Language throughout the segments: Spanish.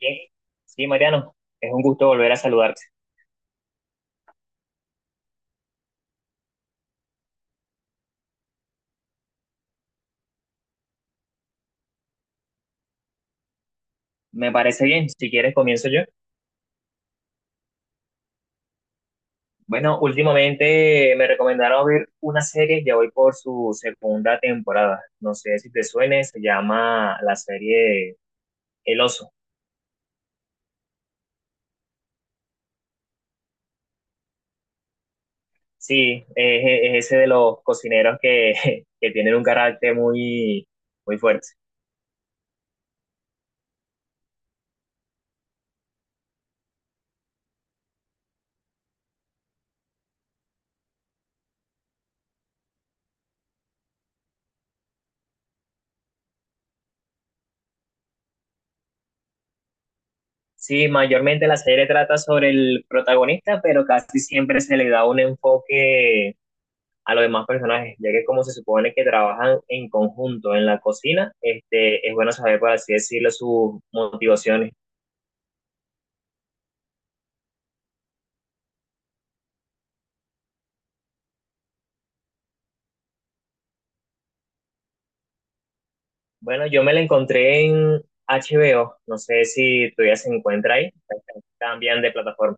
Bien. Sí, Mariano, es un gusto volver a saludarte. Me parece bien, si quieres comienzo yo. Bueno, últimamente me recomendaron ver una serie, ya voy por su segunda temporada. No sé si te suene, se llama la serie El Oso. Sí, es ese de los cocineros que, que tienen un carácter muy, muy fuerte. Sí, mayormente la serie trata sobre el protagonista, pero casi siempre se le da un enfoque a los demás personajes, ya que como se supone que trabajan en conjunto en la cocina, este, es bueno saber, por así decirlo, sus motivaciones. Bueno, yo me la encontré en HBO, no sé si todavía se encuentra ahí, cambian de plataforma.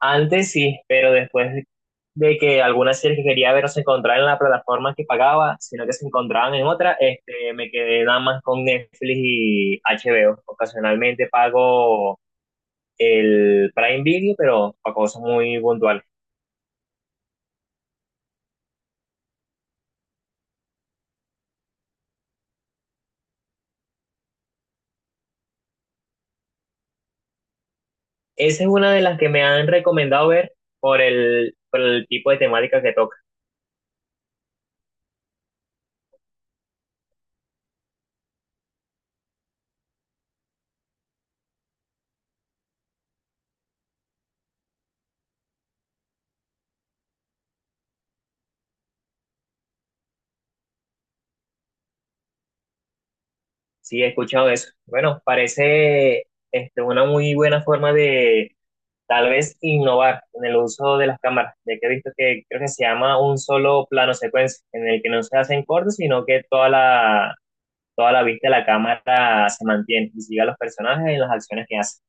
Antes sí, pero después de que algunas series que quería ver no se encontraban en la plataforma que pagaba, sino que se encontraban en otra, este, me quedé nada más con Netflix y HBO. Ocasionalmente pago el Prime Video, pero para cosas muy puntuales. Esa es una de las que me han recomendado ver por el tipo de temática que toca. Sí, he escuchado eso. Bueno, parece este, una muy buena forma de tal vez innovar en el uso de las cámaras, ya que he visto que creo que se llama un solo plano secuencia, en el que no se hacen cortes, sino que toda la vista de la cámara se mantiene y sigue a los personajes en las acciones que hacen.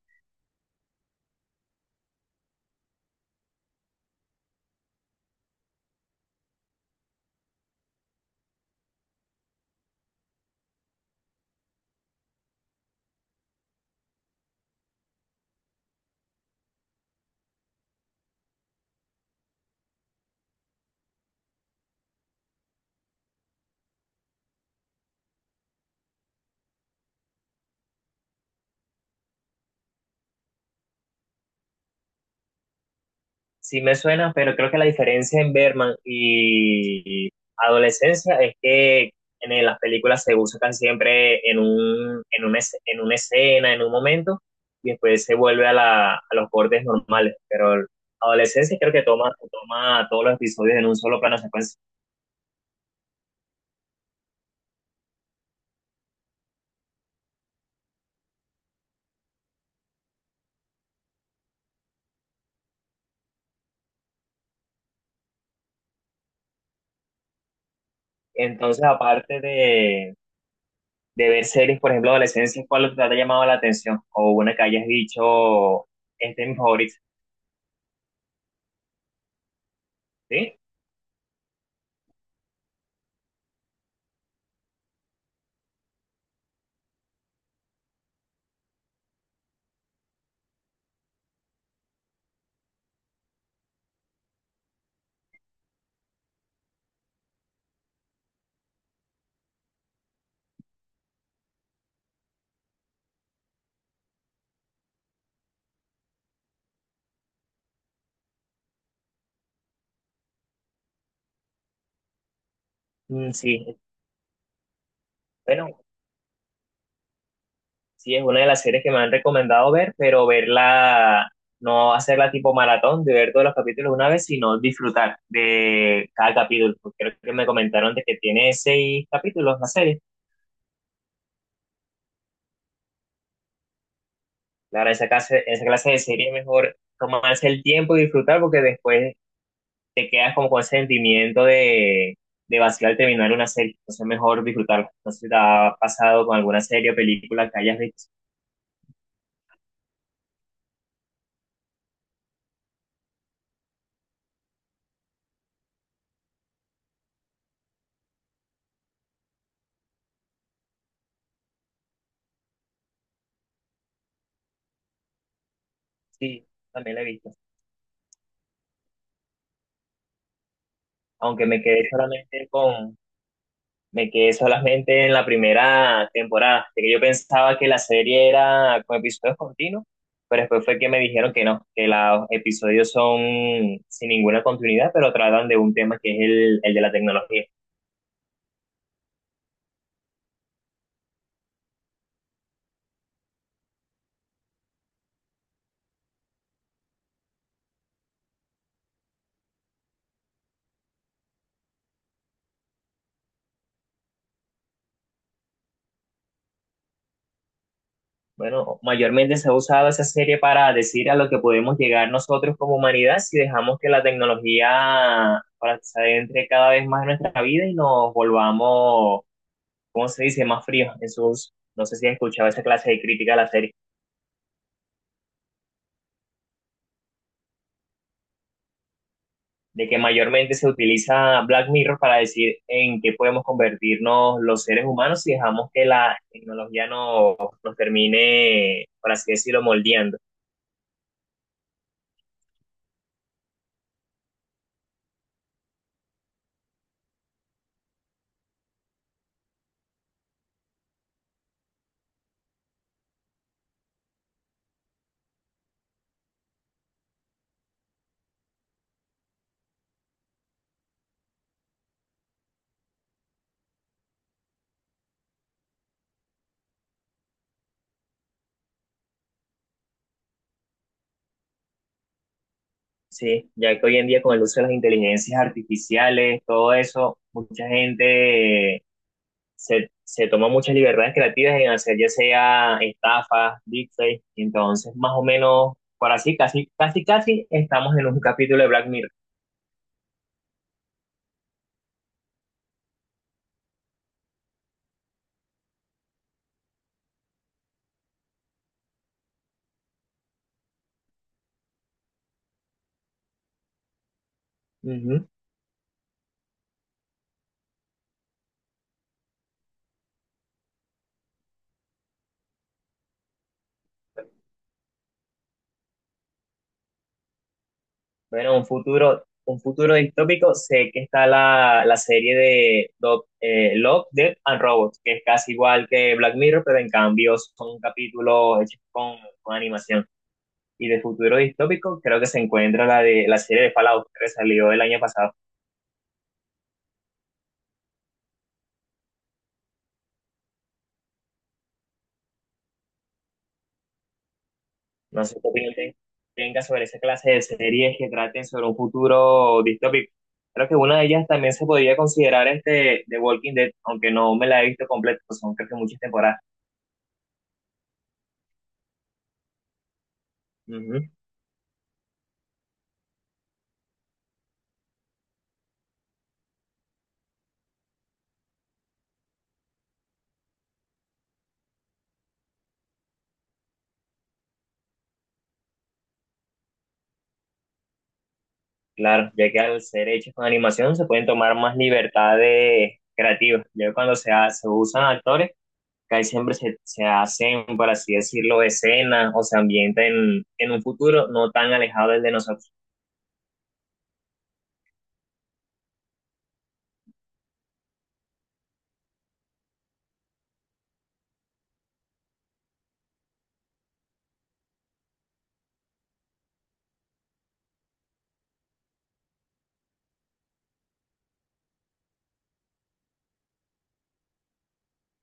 Sí me suena, pero creo que la diferencia en Berman y Adolescencia es que en las películas se buscan siempre en un, en una escena, en un momento, y después se vuelve a, la, a los bordes normales. Pero Adolescencia creo que toma todos los episodios en un solo plano secuencia. Entonces, de ver series, por ejemplo, Adolescencia, ¿cuál te ha llamado la atención? O una que hayas dicho, este es mi favorito, ¿sí? Mm, sí, bueno. Sí, es una de las series que me han recomendado ver, pero no hacerla tipo maratón, de ver todos los capítulos una vez, sino disfrutar de cada capítulo. Porque creo que me comentaron de que tiene 6 capítulos la serie. Claro, esa clase de serie es mejor tomarse el tiempo y disfrutar porque después te quedas como con ese de vacío al terminar una serie. Entonces es mejor disfrutarla. No sé si te ha pasado con alguna serie o película que hayas visto. Sí, también la he visto. Aunque me quedé solamente con Me quedé solamente en la primera temporada, de que yo pensaba que la serie era con episodios continuos, pero después fue que me dijeron que no, que los episodios son sin ninguna continuidad, pero tratan de un tema que es el de la tecnología. Bueno, mayormente se ha usado esa serie para decir a lo que podemos llegar nosotros como humanidad si dejamos que la tecnología para se adentre cada vez más en nuestra vida y nos volvamos, ¿cómo se dice?, más fríos en sus... No sé si has escuchado esa clase de crítica a la serie. De que mayormente se utiliza Black Mirror para decir en qué podemos convertirnos los seres humanos si dejamos que la tecnología no, nos termine, por así decirlo, moldeando. Sí, ya que hoy en día con el uso de las inteligencias artificiales, todo eso, mucha gente se toma muchas libertades creativas en hacer ya sea estafas, deepfakes, entonces más o menos, por así, casi estamos en un capítulo de Black Mirror. Uh -huh. Bueno, un futuro distópico. Sé que está la serie de Doc, Love, Death and Robots, que es casi igual que Black Mirror, pero en cambio son capítulos hechos con animación. Y de futuro distópico, creo que se encuentra la de la serie de Fallout, que salió el año pasado. No sé qué opinión tenga sobre esa clase de series que traten sobre un futuro distópico. Creo que una de ellas también se podría considerar este The Walking Dead, aunque no me la he visto completa, pues son creo que muchas temporadas. Claro, ya que al ser hechos con animación se pueden tomar más libertades creativas. Ya cuando se usan actores, casi siempre se hacen, por así decirlo, escenas o se ambientan en un futuro no tan alejado del de nosotros.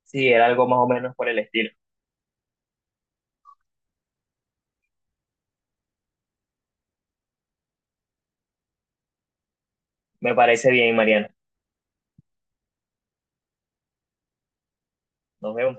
Sí, era algo más o menos por el estilo. Me parece bien, Mariana. Nos vemos.